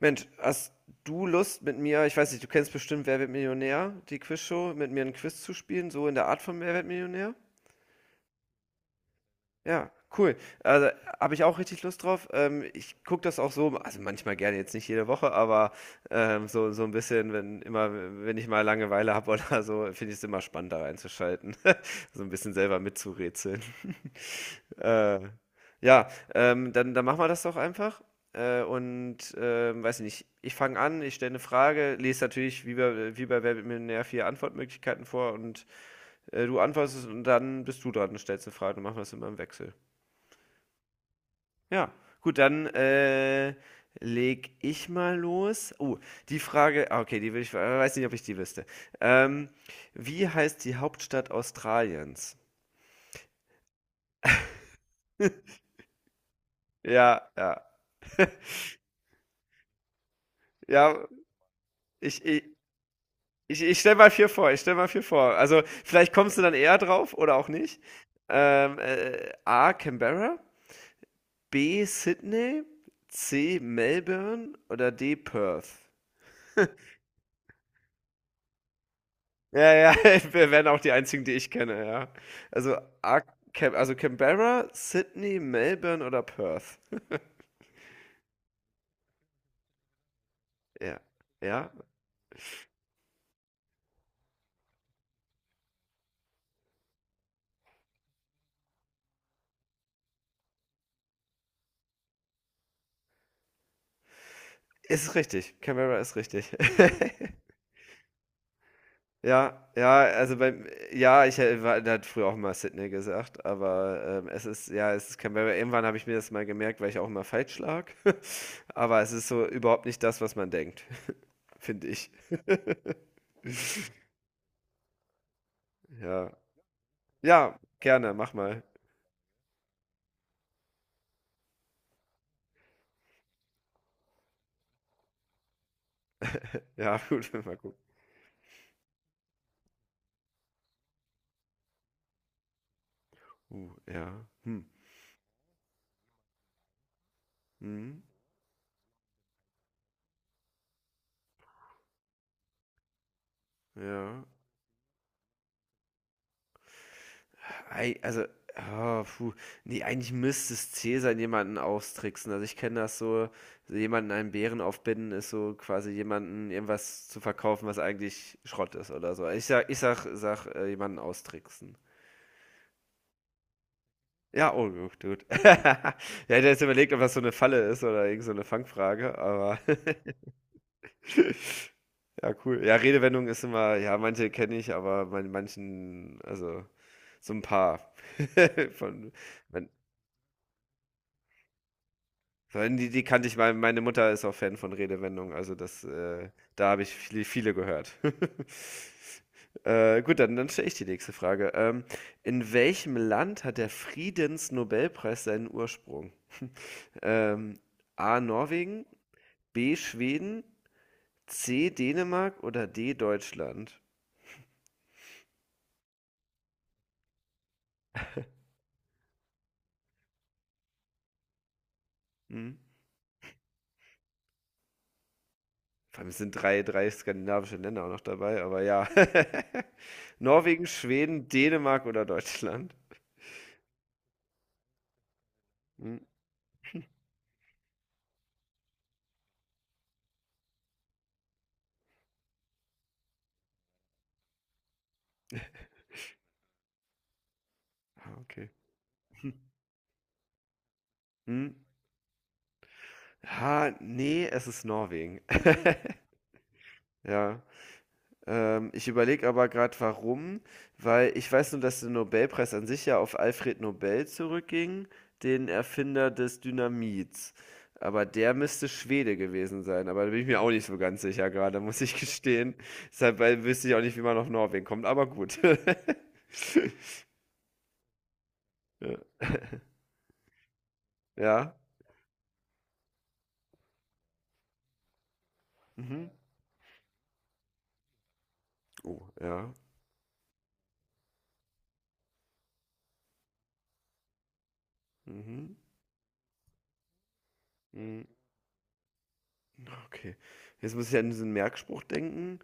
Mensch, hast du Lust mit mir, ich weiß nicht, du kennst bestimmt Wer wird Millionär, die Quizshow, mit mir ein Quiz zu spielen, so in der Art von Wer wird Millionär? Ja, cool. Also habe ich auch richtig Lust drauf. Ich gucke das auch so, also manchmal gerne, jetzt nicht jede Woche, aber so, ein bisschen, wenn immer, wenn ich mal Langeweile habe oder so, finde ich es immer spannend, da reinzuschalten. So ein bisschen selber mitzurätseln. Äh, ja, dann machen wir das doch einfach. Und weiß ich nicht, ich fange an, ich stelle eine Frage, lese natürlich wie bei Wer wird Millionär vier Antwortmöglichkeiten vor, und du antwortest und dann bist du dran und stellst eine Frage. Und machen wir das immer im Wechsel. Ja, gut, dann leg ich mal los. Oh, die Frage, ah, okay, die will ich, weiß nicht, ob ich die wüsste. Ähm, Wie heißt die Hauptstadt Australiens? Ja, ja. Ja, ich, ich, ich stelle mal vier vor, ich stell mal vier vor. Also, vielleicht kommst du dann eher drauf oder auch nicht. A. Canberra, B. Sydney, C. Melbourne oder D. Perth. Ja, ja, wir wären auch die einzigen, die ich kenne, ja. Also, A, Cam also Canberra, Sydney, Melbourne oder Perth. Ja, ja, ist richtig. Canberra ist richtig. Ja, ja, also beim ja, ich hä- war da hat früher auch mal Sydney gesagt, aber, es ist ja, es ist Canberra. Irgendwann habe ich mir das mal gemerkt, weil ich auch immer falsch lag. Aber es ist so überhaupt nicht das, was man denkt, finde ich. Ja. Ja, gerne, mach mal. Ja, gut, mal gucken. Ja. Hm. Mhm. Ja. Ei also, ah, puh. Ne, eigentlich müsste es zäh sein, jemanden austricksen. Also, ich kenne das so, so jemanden einen Bären aufbinden ist so quasi jemanden irgendwas zu verkaufen, was eigentlich Schrott ist oder so. Ich sag, jemanden austricksen. Ja, oh gut, gut. Ja, ich hätte jetzt überlegt, ob das so eine Falle ist oder irgend so eine Fangfrage, aber ja, cool. Ja, Redewendung ist immer ja, manche kenne ich, aber bei manchen also, so ein paar von Die, die kannte ich mal. Meine Mutter ist auch Fan von Redewendungen, also da habe ich viele, viele gehört. Gut, dann stelle ich die nächste Frage. In welchem Land hat der Friedensnobelpreis seinen Ursprung? Ähm, A. Norwegen, B. Schweden, C. Dänemark oder D. Deutschland? Hm? Vor allem es sind drei skandinavische Länder auch noch dabei, aber ja. Norwegen, Schweden, Dänemark oder Deutschland? Hm? Ah, okay. Hm? Ha, nee, es ist Norwegen. Ja. Ich überlege aber gerade, warum, weil ich weiß nur, dass der Nobelpreis an sich ja auf Alfred Nobel zurückging, den Erfinder des Dynamits. Aber der müsste Schwede gewesen sein. Aber da bin ich mir auch nicht so ganz sicher gerade, muss ich gestehen. Deshalb, weil wüsste ich auch nicht, wie man auf Norwegen kommt, aber gut. Ja. Ja. Mhm. Oh, ja. Mhm. Mhm. Okay. Jetzt muss ich an diesen Merkspruch denken.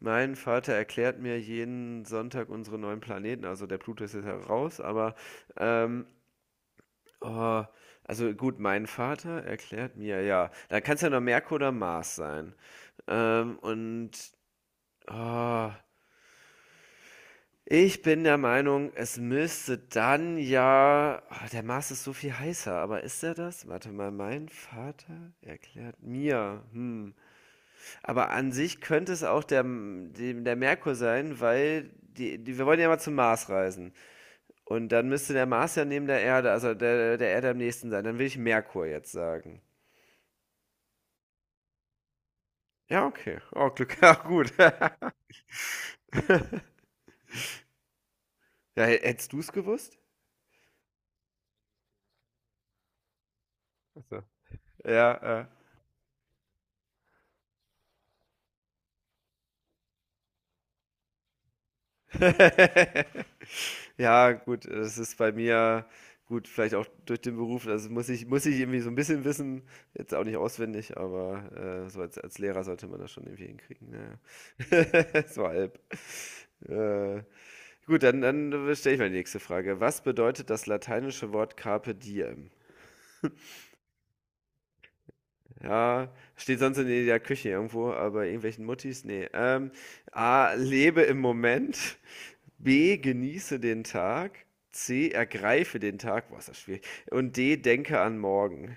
Mein Vater erklärt mir jeden Sonntag unsere neuen Planeten. Also der Pluto ist jetzt ja raus, aber ähm, oh, also gut, mein Vater erklärt mir, ja. Da kann es ja nur Merkur oder Mars sein. Und oh, ich bin der Meinung, es müsste dann ja. Ah, der Mars ist so viel heißer, aber ist er das? Warte mal, mein Vater erklärt mir. Hm. Aber an sich könnte es auch der Merkur sein, weil wir wollen ja mal zum Mars reisen. Und dann müsste der Mars ja neben der Erde, also der Erde am nächsten sein. Dann will ich Merkur jetzt sagen. Ja, okay. Oh, Glück. Ja, gut. Ja, hättest du es gewusst? Achso. Ja. Ja, gut, das ist bei mir gut, vielleicht auch durch den Beruf. Also muss ich irgendwie so ein bisschen wissen. Jetzt auch nicht auswendig, aber so als Lehrer sollte man das schon irgendwie hinkriegen. Ja. So halb. Äh, gut, dann stelle ich mal die nächste Frage. Was bedeutet das lateinische Wort Carpe diem? Ja, steht sonst in der Küche irgendwo, aber irgendwelchen Muttis, nee. A, lebe im Moment. B, genieße den Tag. C, ergreife den Tag. Boah, ist das schwierig. Und D, denke an morgen.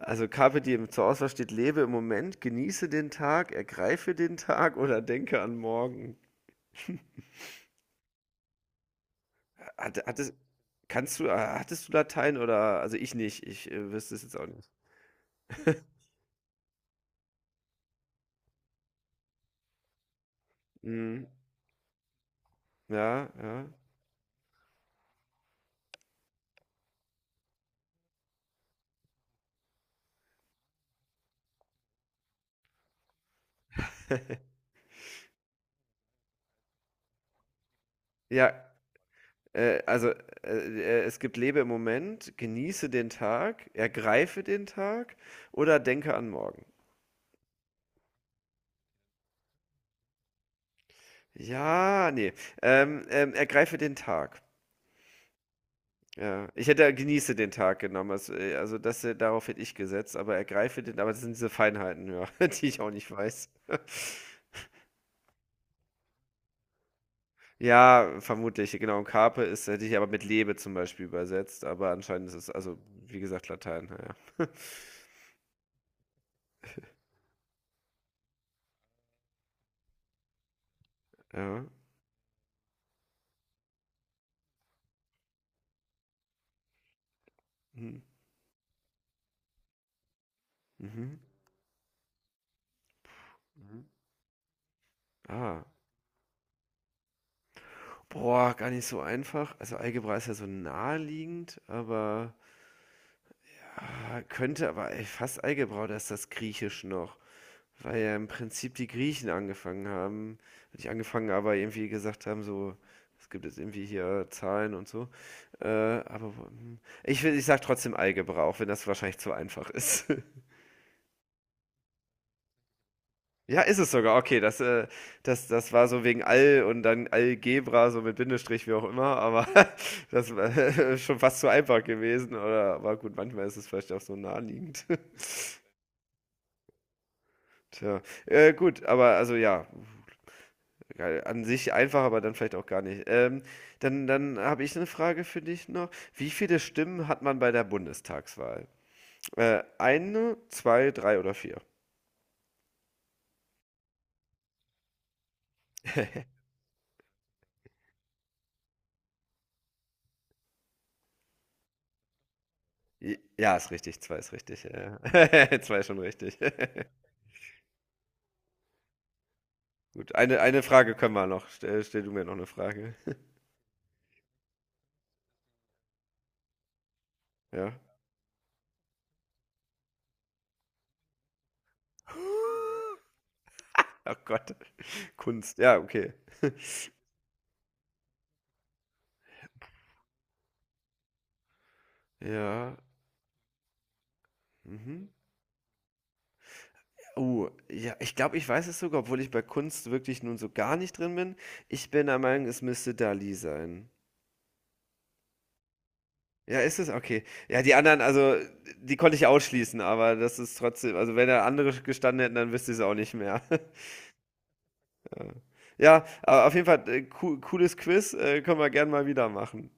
Also Carpe Diem, zur Auswahl steht, lebe im Moment, genieße den Tag, ergreife den Tag oder denke an morgen. Hat, hat es, Hattest du Latein oder, also ich nicht, ich wüsste es jetzt auch nicht. Mhm. Ja, ja. Ja, Äh, also, äh, es gibt lebe im Moment, genieße den Tag, ergreife den Tag oder denke an morgen. Ja, ne, ergreife den Tag. Ja, ich hätte ja genieße den Tag genommen. Also, darauf hätte ich gesetzt, aber ergreife den, aber das sind diese Feinheiten, ja, die ich auch nicht weiß. Ja, vermutlich, genau. Und Carpe ist, hätte ich aber mit Lebe zum Beispiel übersetzt, aber anscheinend ist es, also wie gesagt, Latein, ja. Ja. Mhm. Mhm. Mhm. Ah, boah, gar nicht so einfach. Also Algebra ist ja so naheliegend, aber ja, könnte aber ey, fast Algebra, da ist das Griechisch noch. Weil ja im Prinzip die Griechen angefangen haben. Nicht angefangen, aber irgendwie gesagt haben, so, es gibt jetzt irgendwie hier Zahlen und so. Aber hm, ich sag trotzdem Algebra, auch wenn das wahrscheinlich zu einfach ist. Ja, ist es sogar. Okay, das war so wegen Al und dann Algebra, so mit Bindestrich, wie auch immer, aber das war schon fast zu einfach gewesen, oder? Aber gut, manchmal ist es vielleicht auch so naheliegend. Tja, gut, aber also ja, geil. An sich einfach, aber dann vielleicht auch gar nicht. Dann habe ich eine Frage für dich noch. Wie viele Stimmen hat man bei der Bundestagswahl? Eine, zwei, drei oder vier? Ja, ist richtig, zwei ist richtig. Ja, zwei ist schon richtig. Gut, eine Frage können wir noch. Stell du mir noch eine Frage. Ja. Oh Gott. Kunst. Ja, okay. Ja. Mhm. Oh, ja, ich glaube, ich weiß es sogar, obwohl ich bei Kunst wirklich nun so gar nicht drin bin. Ich bin der Meinung, es müsste Dali sein. Ja, ist es? Okay. Ja, die anderen, also, die konnte ich ausschließen, aber das ist trotzdem, also, wenn da andere gestanden hätten, dann wüsste ich es auch nicht mehr. Ja, Ja, aber auf jeden Fall, cooles Quiz, können wir gern mal wieder machen.